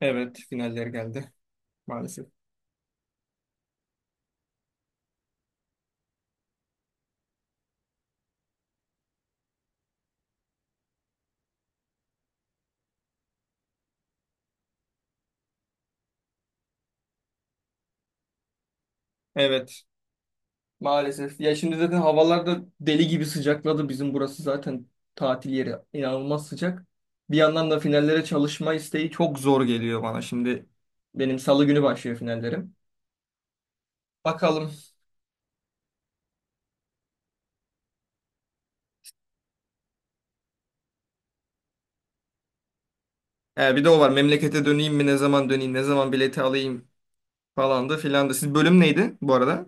Evet, finaller geldi maalesef. Evet, maalesef. Ya şimdi zaten havalar da deli gibi sıcakladı. Bizim burası zaten tatil yeri inanılmaz sıcak. Bir yandan da finallere çalışma isteği çok zor geliyor bana. Şimdi benim salı günü başlıyor finallerim. Bakalım. Bir de o var. Memlekete döneyim mi? Ne zaman döneyim? Ne zaman bileti alayım? Falan da filan da. Siz bölüm neydi bu arada?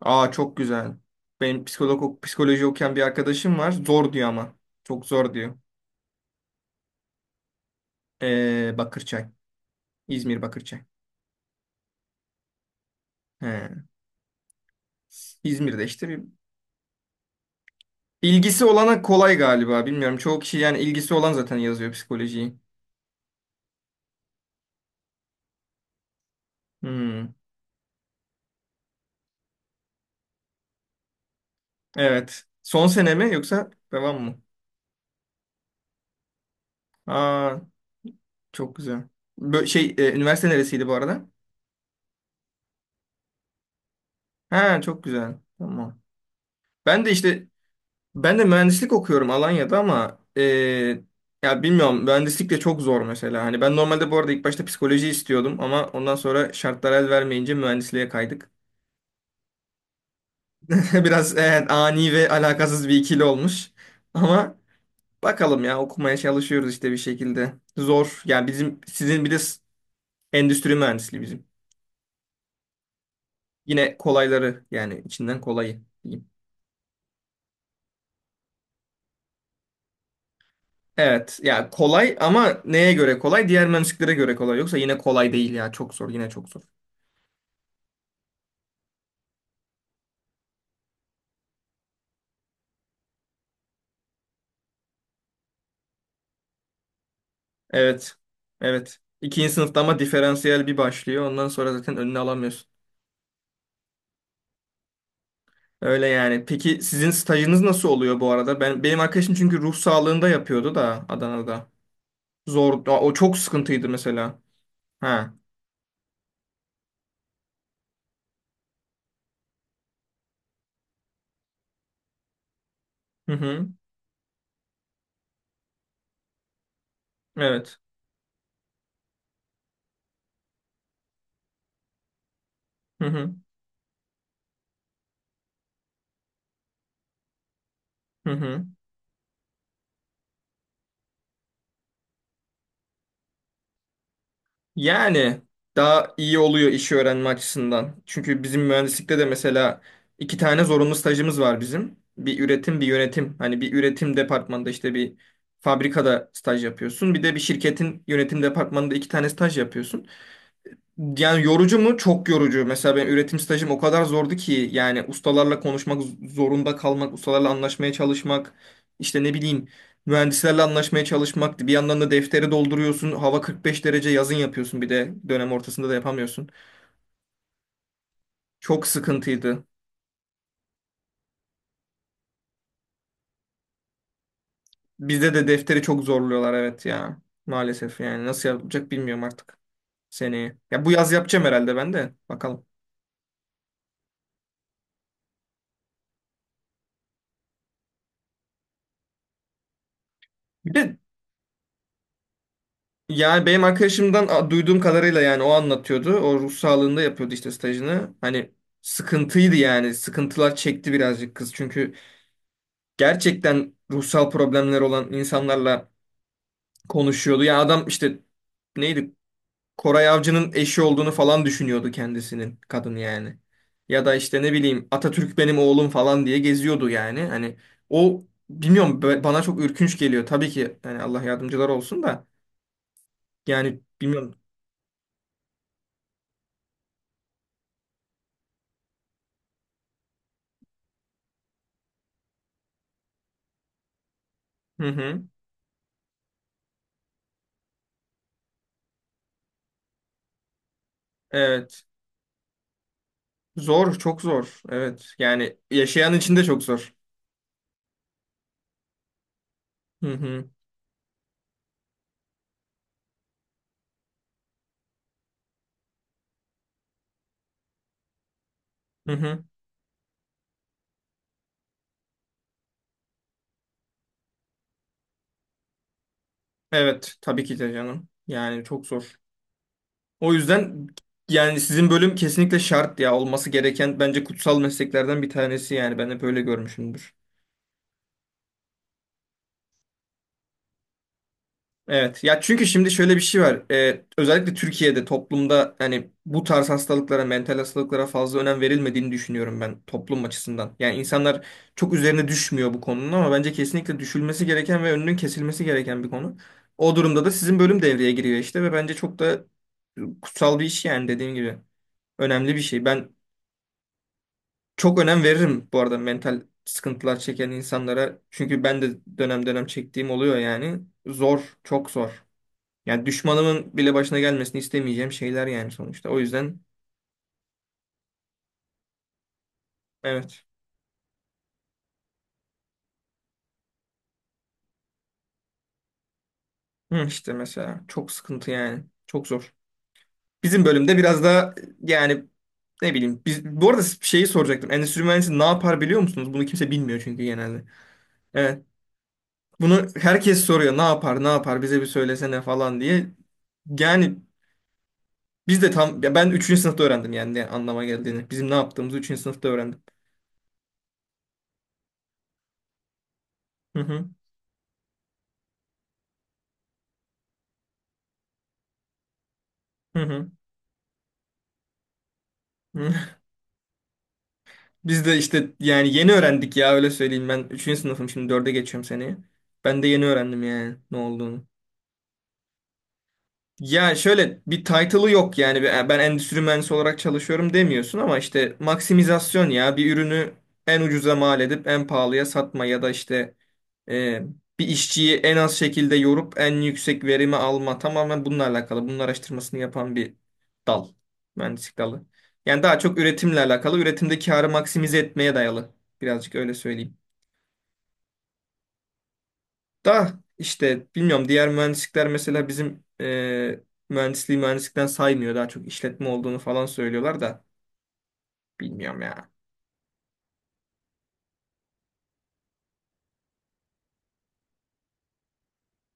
Aa, çok güzel. Benim psikoloji okuyan bir arkadaşım var. Zor diyor ama. Çok zor diyor. Bakırçay. İzmir Bakırçay. He. İzmir'de işte bir ilgisi olana kolay galiba. Bilmiyorum. Çoğu kişi yani ilgisi olan zaten yazıyor psikolojiyi. Hmm. Evet. Son sene mi yoksa devam mı? Aa, çok güzel. Üniversite neresiydi bu arada? Ha, çok güzel. Tamam. Ben de işte ben de mühendislik okuyorum Alanya'da ama ya bilmiyorum mühendislik de çok zor mesela. Hani ben normalde bu arada ilk başta psikoloji istiyordum ama ondan sonra şartlar el vermeyince mühendisliğe kaydık. Biraz evet, ani ve alakasız bir ikili olmuş. Ama bakalım ya okumaya çalışıyoruz işte bir şekilde. Zor. Yani bizim sizin bir de endüstri mühendisliği bizim. Yine kolayları yani içinden kolayı diyeyim. Evet ya kolay ama neye göre kolay? Diğer mühendisliklere göre kolay. Yoksa yine kolay değil ya. Çok zor, yine çok zor. Evet. Evet. İkinci sınıfta ama diferansiyel bir başlıyor. Ondan sonra zaten önüne alamıyorsun. Öyle yani. Peki sizin stajınız nasıl oluyor bu arada? Benim arkadaşım çünkü ruh sağlığında yapıyordu da Adana'da. Zor. Aa, o çok sıkıntıydı mesela. Ha. Hı hı. Evet. Hı hı. Hı hı. Yani daha iyi oluyor işi öğrenme açısından. Çünkü bizim mühendislikte de mesela iki tane zorunlu stajımız var bizim. Bir üretim, bir yönetim. Hani bir üretim departmanında işte bir fabrikada staj yapıyorsun. Bir de bir şirketin yönetim departmanında iki tane staj yapıyorsun. Yani yorucu mu? Çok yorucu. Mesela ben üretim stajım o kadar zordu ki yani ustalarla konuşmak zorunda kalmak, ustalarla anlaşmaya çalışmak, işte ne bileyim mühendislerle anlaşmaya çalışmak. Bir yandan da defteri dolduruyorsun. Hava 45 derece, yazın yapıyorsun, bir de dönem ortasında da yapamıyorsun. Çok sıkıntıydı. Bizde de defteri çok zorluyorlar, evet ya. Maalesef yani nasıl yapacak bilmiyorum artık seneye. Ya bu yaz yapacağım herhalde ben de. Bakalım. Bir de yani benim arkadaşımdan duyduğum kadarıyla yani o anlatıyordu. O ruh sağlığında yapıyordu işte stajını. Hani sıkıntıydı yani. Sıkıntılar çekti birazcık kız. Çünkü gerçekten ruhsal problemler olan insanlarla konuşuyordu. Ya adam işte neydi? Koray Avcı'nın eşi olduğunu falan düşünüyordu kendisinin, kadın yani. Ya da işte ne bileyim Atatürk benim oğlum falan diye geziyordu yani. Hani o bilmiyorum, bana çok ürkünç geliyor. Tabii ki yani Allah yardımcılar olsun da yani bilmiyorum. Hı hı. Evet. Zor, çok zor. Evet. Yani yaşayan için de çok zor. Hı hı. Hı hı. Evet, tabii ki de canım. Yani çok zor. O yüzden yani sizin bölüm kesinlikle şart ya. Olması gereken, bence kutsal mesleklerden bir tanesi yani. Ben hep öyle görmüşümdür. Evet ya, çünkü şimdi şöyle bir şey var. Özellikle Türkiye'de toplumda hani bu tarz hastalıklara, mental hastalıklara fazla önem verilmediğini düşünüyorum ben, toplum açısından. Yani insanlar çok üzerine düşmüyor bu konunun ama bence kesinlikle düşülmesi gereken ve önünün kesilmesi gereken bir konu. O durumda da sizin bölüm devreye giriyor işte ve bence çok da kutsal bir iş yani, dediğim gibi. Önemli bir şey. Ben çok önem veririm bu arada mental sıkıntılar çeken insanlara. Çünkü ben de dönem dönem çektiğim oluyor yani. Zor, çok zor. Yani düşmanımın bile başına gelmesini istemeyeceğim şeyler yani sonuçta. O yüzden evet. Hı, işte mesela çok sıkıntı yani. Çok zor. Bizim bölümde biraz daha yani, ne bileyim. Bu arada şeyi soracaktım. Endüstri mühendisi ne yapar biliyor musunuz? Bunu kimse bilmiyor çünkü genelde. Evet. Bunu herkes soruyor. Ne yapar, ne yapar, bize bir söylesene falan diye. Yani biz de tam, ya ben üçüncü sınıfta öğrendim yani ne anlama geldiğini. Bizim ne yaptığımızı üçüncü sınıfta öğrendim. Hı hı. Hı hı. Biz de işte yani yeni öğrendik ya, öyle söyleyeyim. Ben üçüncü sınıfım, şimdi 4'e geçiyorum seneye. Ben de yeni öğrendim yani ne olduğunu. Ya şöyle, bir title'ı yok yani, ben endüstri mühendisi olarak çalışıyorum demiyorsun ama işte maksimizasyon, ya bir ürünü en ucuza mal edip en pahalıya satma ya da işte ee, bir işçiyi en az şekilde yorup en yüksek verimi alma, tamamen bununla alakalı. Bunun araştırmasını yapan bir dal. Mühendislik dalı. Yani daha çok üretimle alakalı. Üretimde karı maksimize etmeye dayalı. Birazcık öyle söyleyeyim. Da işte bilmiyorum, diğer mühendislikler mesela bizim mühendisliği mühendislikten saymıyor. Daha çok işletme olduğunu falan söylüyorlar da bilmiyorum ya.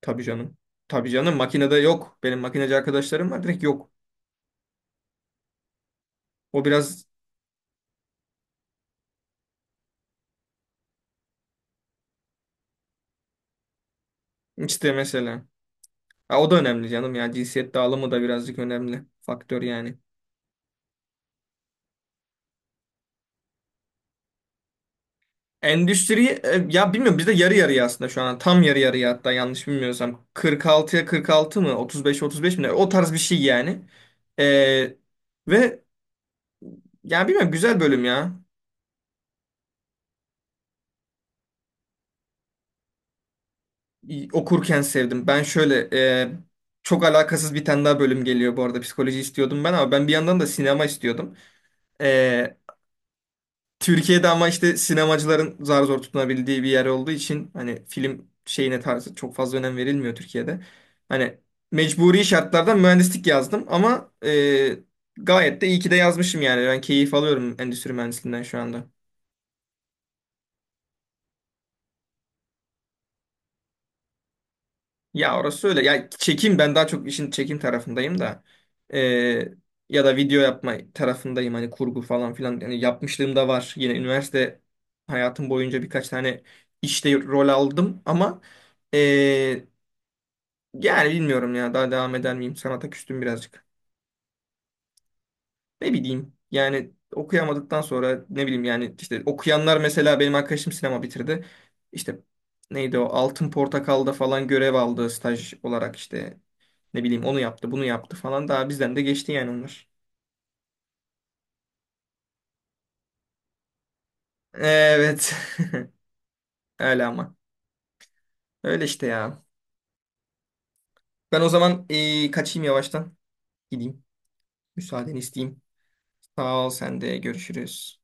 Tabii canım. Tabii canım, makinede yok. Benim makineci arkadaşlarım var, direkt yok. O biraz işte, mesela. Ha, o da önemli canım ya. Cinsiyet dağılımı da birazcık önemli faktör yani. Endüstriyi ya bilmiyorum, bizde yarı yarıya aslında şu an, tam yarı yarıya, hatta yanlış bilmiyorsam 46'ya 46 mı, 35'e 35 mi ne? O tarz bir şey yani. E, ve ya bilmiyorum, güzel bölüm ya. Okurken sevdim. Ben şöyle e, çok alakasız bir tane daha bölüm geliyor bu arada, psikoloji istiyordum ben ama ben bir yandan da sinema istiyordum. E, Türkiye'de ama işte sinemacıların zar zor tutunabildiği bir yer olduğu için hani film şeyine, tarzı çok fazla önem verilmiyor Türkiye'de. Hani mecburi şartlardan mühendislik yazdım ama gayet de iyi ki de yazmışım yani. Ben keyif alıyorum endüstri mühendisliğinden şu anda. Ya orası öyle. Ya ben daha çok işin çekim tarafındayım da, E, ya da video yapma tarafındayım, hani kurgu falan filan yani yapmışlığım da var. Yine üniversite hayatım boyunca birkaç tane işte rol aldım ama ee, Yani bilmiyorum ya, daha devam eder miyim? Sanata küstüm birazcık. Ne bileyim yani, okuyamadıktan sonra ne bileyim yani, işte okuyanlar mesela benim arkadaşım sinema bitirdi. İşte neydi o, Altın Portakal'da falan görev aldı staj olarak, işte ne bileyim, onu yaptı bunu yaptı falan, daha bizden de geçti yani onlar. Evet, öyle ama, öyle işte ya. Ben o zaman kaçayım yavaştan, gideyim, müsaadeni isteyeyim. Sağ ol, sen de görüşürüz.